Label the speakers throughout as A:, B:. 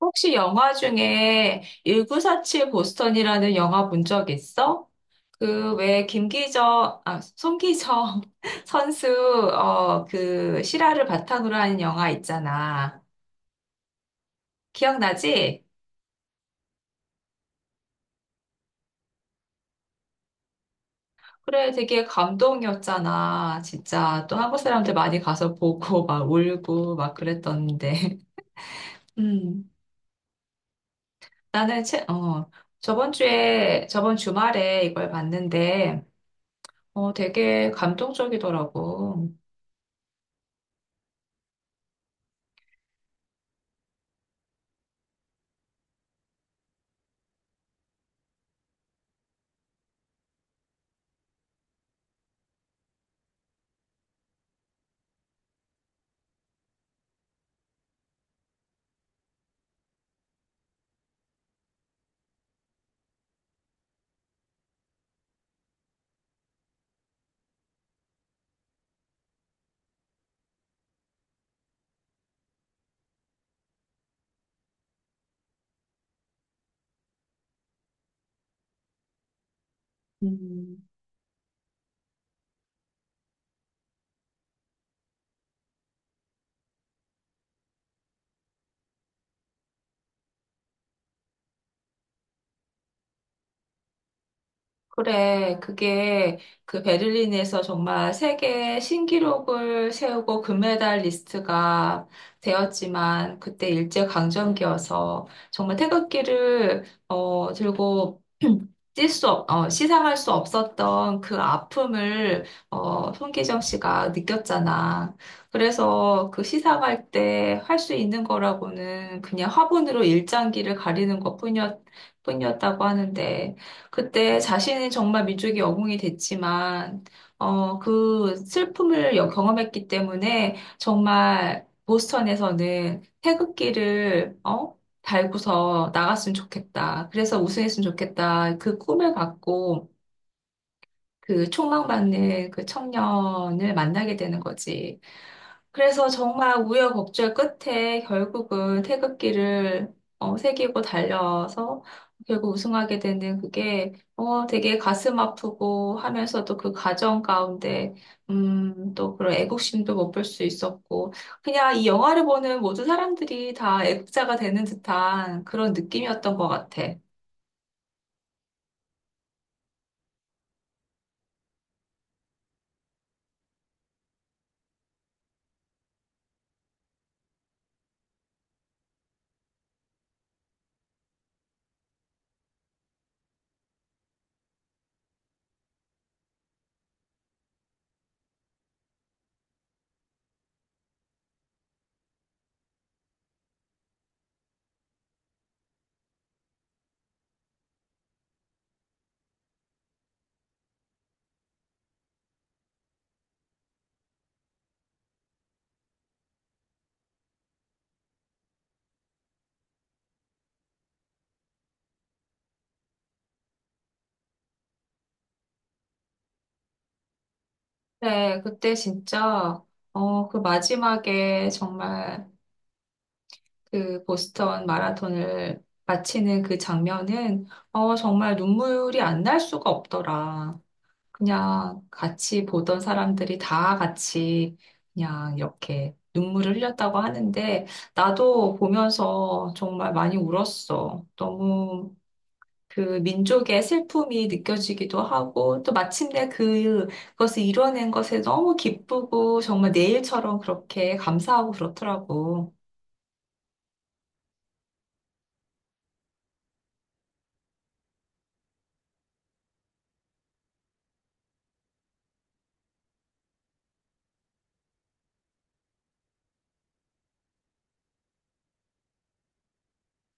A: 혹시 영화 중에 1947 보스턴이라는 영화 본 적 있어? 그 왜 김기정, 아, 송기정 선수, 그 실화를 바탕으로 하는 영화 있잖아. 기억나지? 그래, 되게 감동이었잖아. 진짜. 또 한국 사람들 많이 가서 보고 막 울고 막 그랬던데. 음, 나는 채, 저번 주에, 저번 주말에 이걸 봤는데, 되게 감동적이더라고. 음. 그래, 그게 그 베를린에서 정말 세계 신기록을 세우고 금메달 리스트가 되었지만 그때 일제강점기여서 정말 태극기를 들고 뛸 수, 없, 어, 시상할 수 없었던 그 아픔을 손기정 씨가 느꼈잖아. 그래서 그 시상할 때 할 수 있는 거라고는 그냥 화분으로 일장기를 가리는 뿐이었다고 하는데 그때 자신이 정말 민족의 영웅이 됐지만, 그 슬픔을 경험했기 때문에 정말 보스턴에서는 태극기를, 달고서 나갔으면 좋겠다. 그래서 우승했으면 좋겠다. 그 꿈을 갖고 그 촉망받는 그 청년을 만나게 되는 거지. 그래서 정말 우여곡절 끝에 결국은 태극기를 새기고 달려서 결국 우승하게 되는 그게 되게 가슴 아프고 하면서도 그 과정 가운데 또 그런 애국심도 못 볼 수 있었고 그냥 이 영화를 보는 모든 사람들이 다 애국자가 되는 듯한 그런 느낌이었던 것 같아. 네, 그때 진짜 그 마지막에 정말 그 보스턴 마라톤을 마치는 그 장면은 정말 눈물이 안 날 수가 없더라. 그냥 같이 보던 사람들이 다 같이 그냥 이렇게 눈물을 흘렸다고 하는데 나도 보면서 정말 많이 울었어. 너무 그 민족의 슬픔이 느껴지기도 하고 또 마침내 그것을 이뤄낸 것에 너무 기쁘고 정말 내 일처럼 그렇게 감사하고 그렇더라고.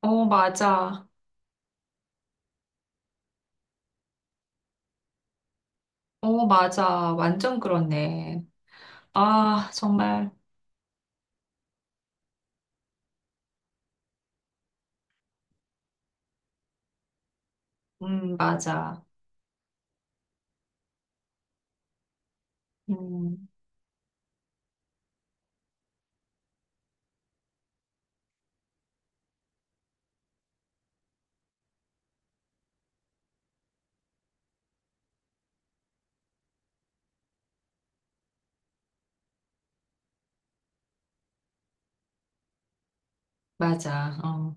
A: 어, 맞아. 어, 맞아. 완전 그렇네. 아, 정말. 맞아. 음, 맞아. 어,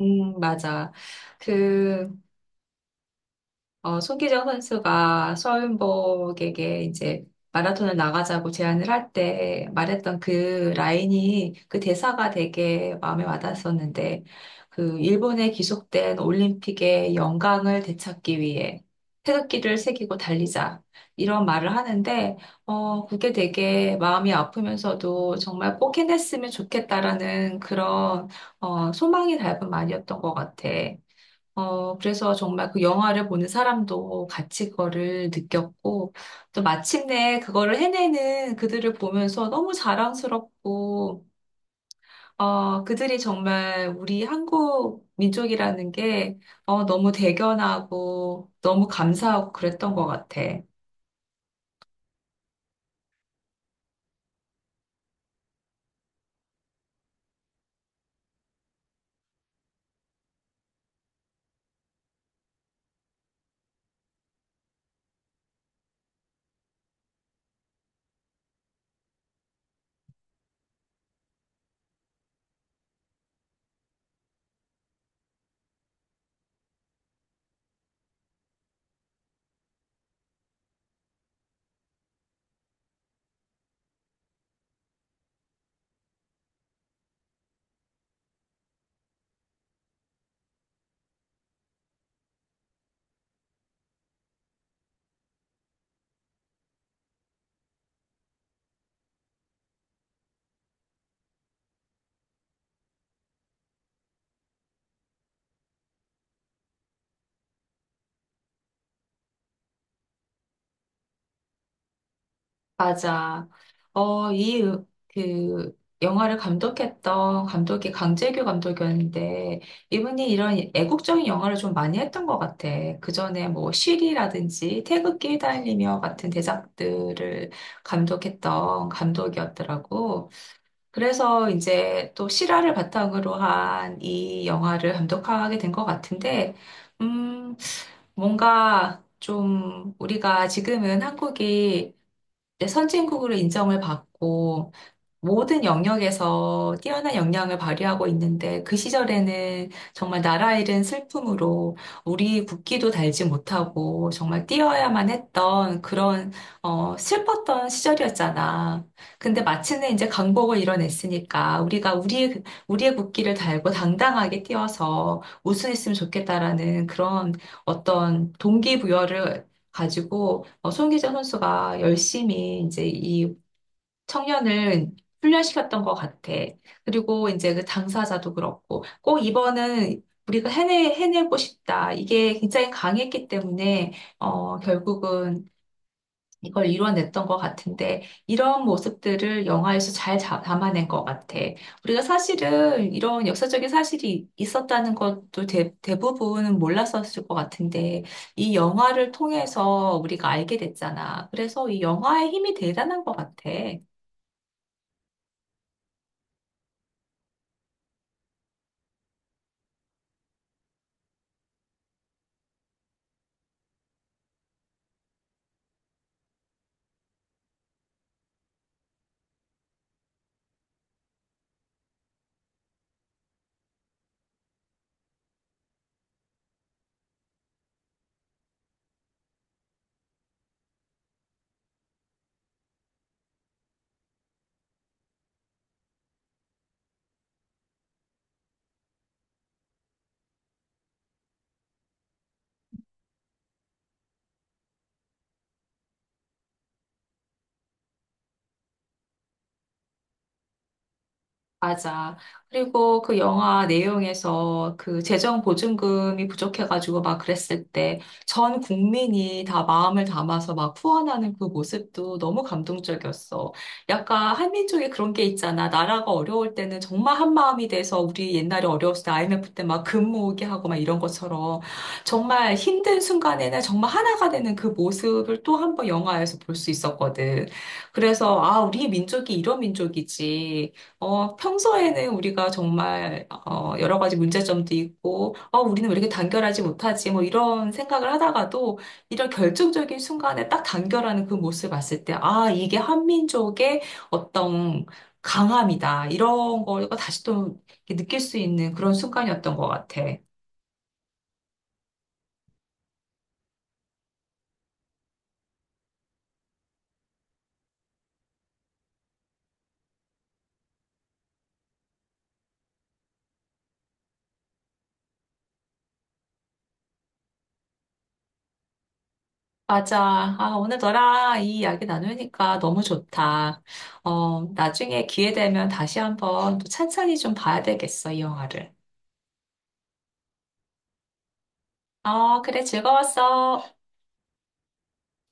A: 맞아. 그, 어, 손기정 선수가 서윤복에게 이제 마라톤을 나가자고 제안을 할 때 말했던 그 라인이 그 대사가 되게 마음에 와닿았었는데 그 일본에 기속된 올림픽의 영광을 되찾기 위해 태극기를 새기고 달리자 이런 말을 하는데 어 그게 되게 마음이 아프면서도 정말 꼭 해냈으면 좋겠다라는 그런 어 소망이 닮은 말이었던 것 같아. 어, 그래서 정말 그 영화를 보는 사람도 같이 그거를 느꼈고, 또 마침내 그거를 해내는 그들을 보면서 너무 자랑스럽고, 어, 그들이 정말 우리 한국 민족이라는 게, 어, 너무 대견하고, 너무 감사하고 그랬던 것 같아. 맞아. 어, 이, 그, 영화를 감독했던 감독이 강재규 감독이었는데, 이분이 이런 애국적인 영화를 좀 많이 했던 것 같아. 그 전에 뭐, 쉬리라든지, 태극기 휘날리며 같은 대작들을 감독했던 감독이었더라고. 그래서 이제 또 실화를 바탕으로 한 이 영화를 감독하게 된 것 같은데, 음, 뭔가 좀 우리가 지금은 한국이 이제 선진국으로 인정을 받고, 모든 영역에서 뛰어난 역량을 발휘하고 있는데 그 시절에는 정말 나라 잃은 슬픔으로 우리 국기도 달지 못하고 정말 뛰어야만 했던 그런 슬펐던 시절이었잖아. 근데 마침내 이제 강복을 이뤄냈으니까 우리가 우리의 국기를 달고 당당하게 뛰어서 우승했으면 좋겠다라는 그런 어떤 동기부여를 가지고 어, 손기정 선수가 열심히 이제 이 청년을 훈련시켰던 것 같아. 그리고 이제 그 당사자도 그렇고, 꼭 이번은 우리가 해내고 싶다. 이게 굉장히 강했기 때문에, 결국은 이걸 이뤄냈던 것 같은데, 이런 모습들을 영화에서 잘 담아낸 것 같아. 우리가 사실은 이런 역사적인 사실이 있었다는 것도 대부분 몰랐었을 것 같은데, 이 영화를 통해서 우리가 알게 됐잖아. 그래서 이 영화의 힘이 대단한 것 같아. 맞아. 그리고 그 영화 내용에서 그 재정 보증금이 부족해가지고 막 그랬을 때 전 국민이 다 마음을 담아서 막 후원하는 그 모습도 너무 감동적이었어. 약간 한민족에 그런 게 있잖아. 나라가 어려울 때는 정말 한 마음이 돼서 우리 옛날에 어려웠을 때 IMF 때 막 금 모으기 하고 막 이런 것처럼 정말 힘든 순간에는 정말 하나가 되는 그 모습을 또 한 번 영화에서 볼 수 있었거든. 그래서 아, 우리 민족이 이런 민족이지. 평소에는 우리가 정말, 여러 가지 문제점도 있고, 우리는 왜 이렇게 단결하지 못하지? 뭐 이런 생각을 하다가도 이런 결정적인 순간에 딱 단결하는 그 모습을 봤을 때, 아, 이게 한민족의 어떤 강함이다. 이런 걸 다시 또 이렇게 느낄 수 있는 그런 순간이었던 것 같아. 맞아. 아, 오늘 너랑 이 이야기 나누니까 너무 좋다. 어, 나중에 기회 되면 다시 한번 또 찬찬히 좀 봐야 되겠어, 이 영화를. 어, 그래, 즐거웠어.